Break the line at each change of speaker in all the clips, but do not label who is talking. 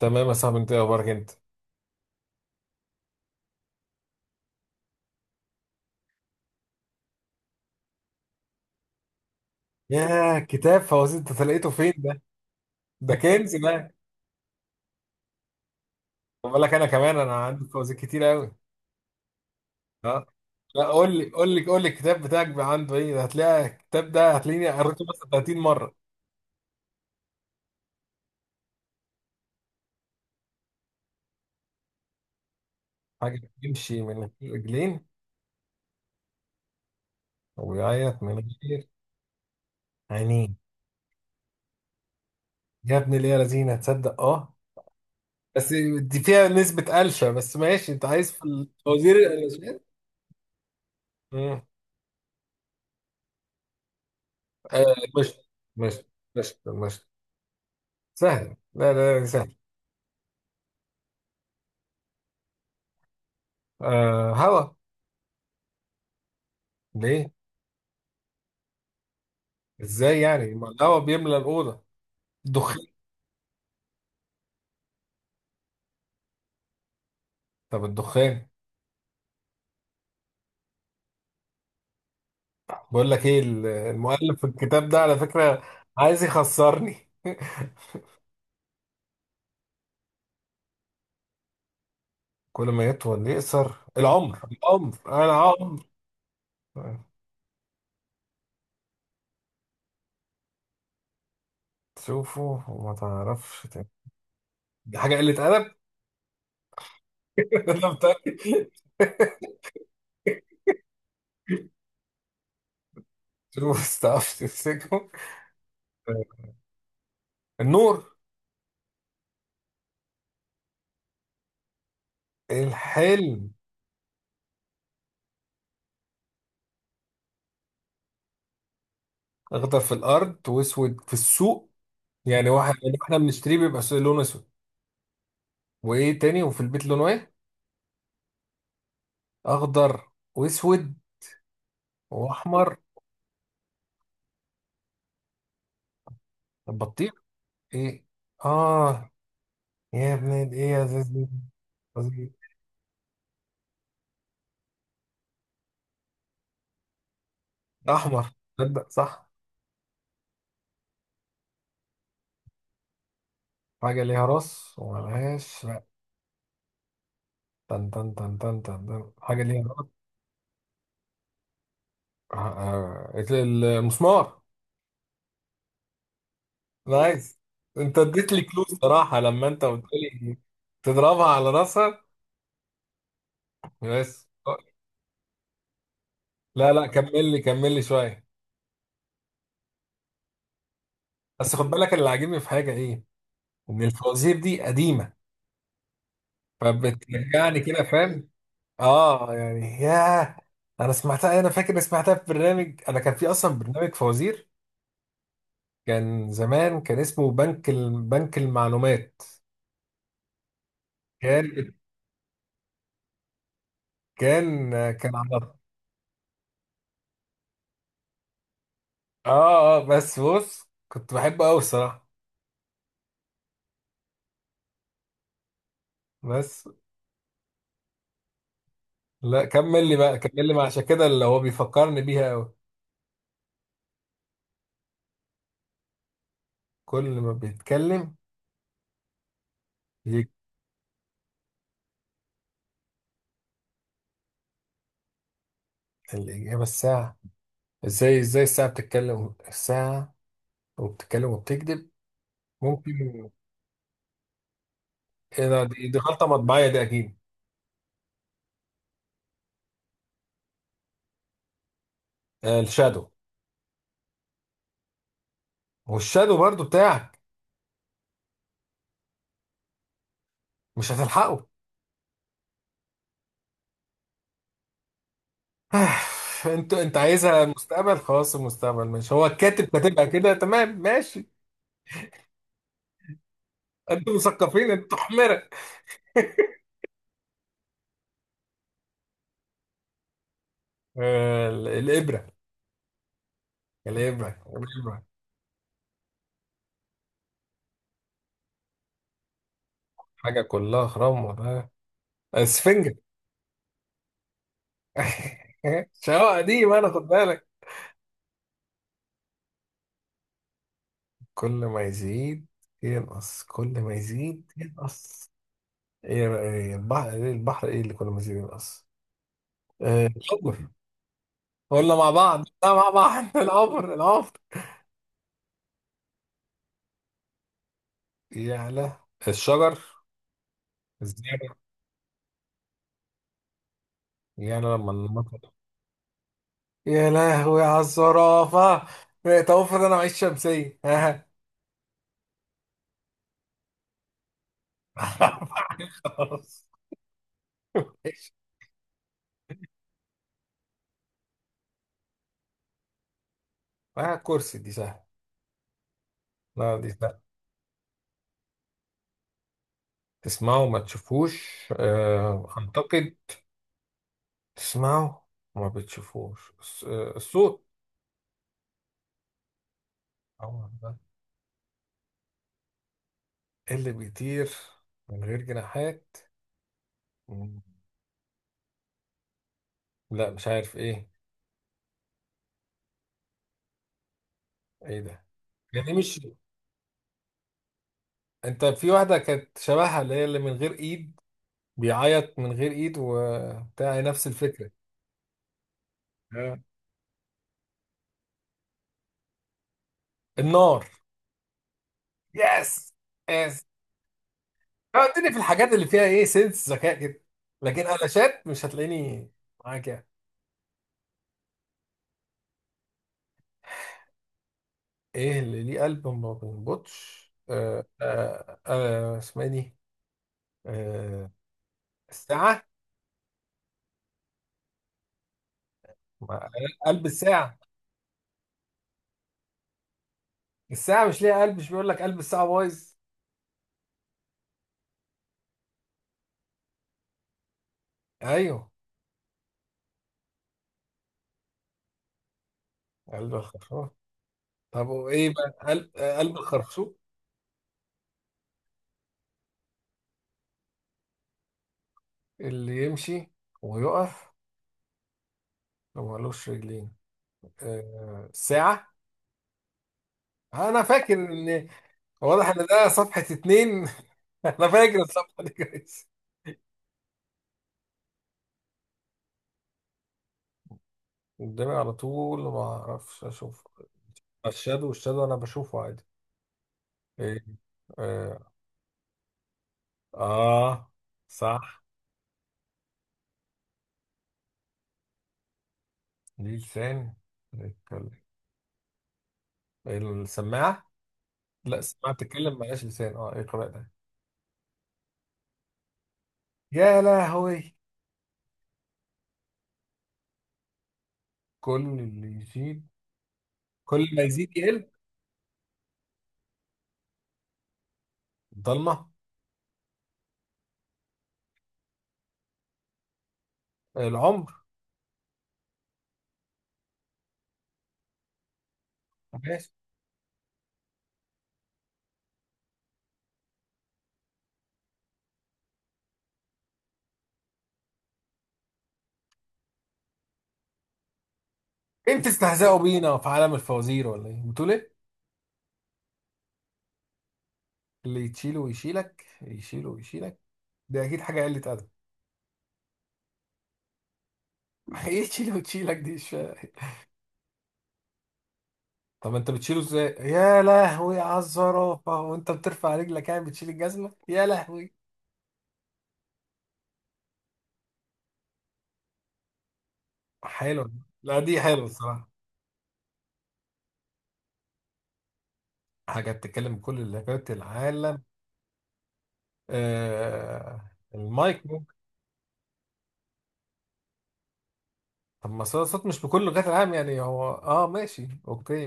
تمام يا صاحبي، انت ايه اخبارك انت؟ ياه، كتاب فوازير انت لقيته فين ده؟ ده كنز ده. خد بالك، انا كمان عندي فوازير كتير قوي. اه. لا، قول لي قول لي قول لي، الكتاب بتاعك بقى عنده ايه؟ ده هتلاقي الكتاب ده هتلاقيني قريته مثلا 30 مره. حاجه بيمشي من غير رجلين وبيعيط من غير عينين. يا ابن الايه يا لذينه، تصدق اه. بس دي فيها نسبه قلشه، بس ماشي، انت عايز في الفوازير القلاشات؟ امم. آه، مشت مشت مشت مشت. سهل، لا لا لا، سهل. آه، هوا. ليه؟ ازاي يعني؟ ما الهوا بيملى الاوضه. الدخان. طب الدخان. بقول لك ايه، المؤلف في الكتاب ده على فكره عايز يخسرني. كل ما يطول يقصر، العمر العمر، انا عمر. تشوفه وما تعرفش تاني. دي حاجه قله ادب. انا متاكد. تشوفه بس تعرفش تمسكه. النور. الحلم. اخضر في الارض واسود في السوق، يعني واحد، يعني احنا بنشتريه بيبقى لونه اسود. وايه تاني؟ وفي البيت لونه ايه؟ اخضر واسود واحمر. البطيخ. ايه. اه. يا ابن ايه، يا زيزي. قصدي احمر. تصدق صح. حاجه ليها راس وملهاش، لا. تن تن تن تن تن تن. حاجه ليها راس. المسمار. نايس. انت اديت لي كلو صراحه لما انت قلت لي تضربها على راسها. بس. لا لا، كمل لي كمل لي شويه. بس خد بالك، اللي عاجبني في حاجه ايه، ان الفوازير دي قديمه، فبترجعني كده، فاهم؟ اه يعني، ياه. انا سمعتها، انا فاكر إني سمعتها في برنامج، كان في اصلا برنامج فوازير. كان زمان، كان اسمه بنك المعلومات. كان كان على. اه اه، بس بص، كنت بحبه قوي الصراحه. بس. لا، كمل لي بقى كمل لي، عشان كده اللي هو بيفكرني بيها قوي. كل ما بيتكلم يجي الاجابه الساعه. ازاي الساعه بتتكلم؟ الساعه وبتتكلم وبتكذب. ممكن ايه ده؟ دي غلطه مطبعيه دي اكيد. الشادو. والشادو برضو بتاعك، مش هتلحقه. انت عايزها مستقبل، خلاص، المستقبل ماشي، هو الكاتب كاتبها كده، تمام ماشي. انتوا مثقفين، انتوا حمرة. الابره الابره الابره. حاجه كلها خرام، ولا اسفنجة. شواء دي، ما انا خد بالك. كل ما يزيد ينقص، كل ما يزيد ينقص. ايه إيه البحر، ايه البحر، ايه اللي كل ما يزيد ينقص. الحب. قلنا مع بعض، لا مع بعض. العمر العمر. يا له. الشجر. الزرع. يا له لما المطر. يا لهوي على الزرافة. طب افرض انا معيش شمسية، ها؟ خلاص. إيش؟ آه كرسي، دي سهلة. لا دي سهلة. تسمعوا ما تشوفوش، آه اعتقد. تسمعوا ما بتشوفوش الصوت. أول ده. إيه اللي بيطير من غير جناحات؟ مم. لا مش عارف ايه. ايه ده؟ يعني مش، انت في واحدة كانت شبهها، اللي من غير ايد، بيعيط من غير ايد وبتاع نفس الفكرة. آه. النار. يس يس. اه، اديني في الحاجات اللي فيها ايه سنس ذكاء كده، لكن قلاشات مش هتلاقيني معاك يعني. ايه اللي ليه قلب ما بينبضش؟ اسمها ايه دي؟ آه الساعة. ما- قلب الساعة. الساعة مش ليها قلب؟ مش بيقول لك قلب الساعة بايظ. ايوه. قلب الخرشوف. طب وايه بقى، قلب الخرشوف. اللي يمشي ويقف، لو مالوش رجلين، ساعة. انا فاكر ان، واضح ان ده صفحة 2. انا فاكر الصفحة دي كويس. قدامي على طول ما اعرفش اشوف. الشادو الشادو، انا بشوفه عادي. ايه. اه. آه. صح. ليه لسان بيتكلم، السماعة. لا السماعة بتتكلم ملهاش لسان، اه ايه القراءة ده؟ يا لهوي. كل اللي يزيد كل ما يزيد يقل. الضلمة. العمر. ايه، بتستهزئوا بينا في عالم الفوازير ولا ايه، بتقول ايه؟ اللي يتشيله ويشيلك، يشيله ويشيلك، دي اكيد حاجه قله ادب. ايه تشيله وتشيلك، دي مش فاهم. طب انت بتشيله ازاي؟ يا لهوي على الزرافه، وانت بترفع رجلك يعني بتشيل الجزمه يا لهوي. حلو، لا دي حلوه الصراحه. حاجه بتتكلم بكل لغات العالم، المايك ممكن. طب ما صوت مش بكل لغات العالم يعني، هو ماشي اوكي.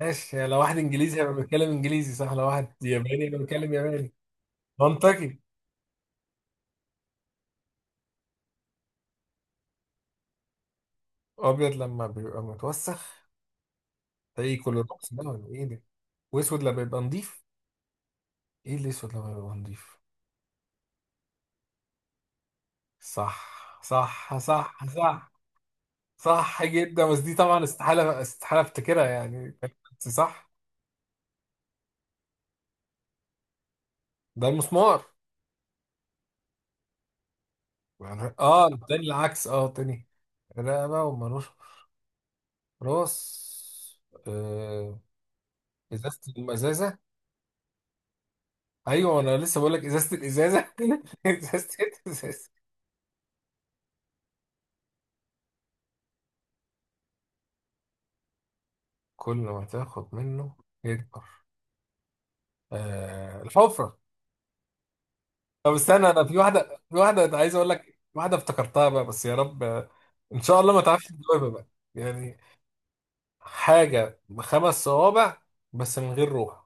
ماشي، لو واحد انجليزي هيبقى بيتكلم انجليزي، صح، لو واحد ياباني هيبقى بيتكلم ياباني. منطقي. ابيض لما بيبقى متوسخ، تلاقيه كله رقص ده ولا ايه ده؟ واسود لما يبقى نضيف. ايه الاسود لما يبقى نضيف؟ صح صح صح صح. صح جدا، بس دي طبعا استحاله استحاله افتكرها يعني. بس صح. ده المسمار. يعني التاني العكس، تاني. رقبه ومروش راس. آه. ازازه الازازه. ايوه، انا لسه بقول لك ازازه الازازه. ازازه الازازه. كل ما تاخد منه يكبر، الحفرة. طب استنى، انا في واحدة أنا عايز اقول لك، واحدة افتكرتها بقى بس يا رب ان شاء الله ما تعرفش تجاوبها بقى، يعني حاجة بخمس صوابع بس من غير روح.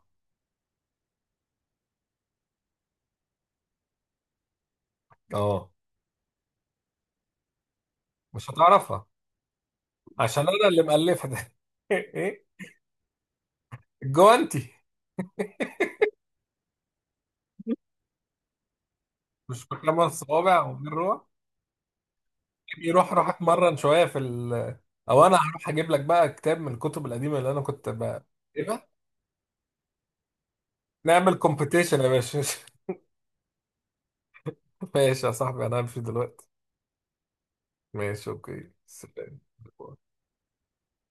اه، مش هتعرفها، عشان انا اللي مألفها ده. ايه، الجوانتي. مش بخمس صوابع ومن غير روح؟ يعني روح روح اتمرن شوية في ال، او انا هروح اجيب لك بقى كتاب من الكتب القديمة اللي انا كنت بقى نعمل كومبيتيشن يا باشا. ماشي يا صاحبي، انا همشي دلوقتي، ماشي اوكي، سلام.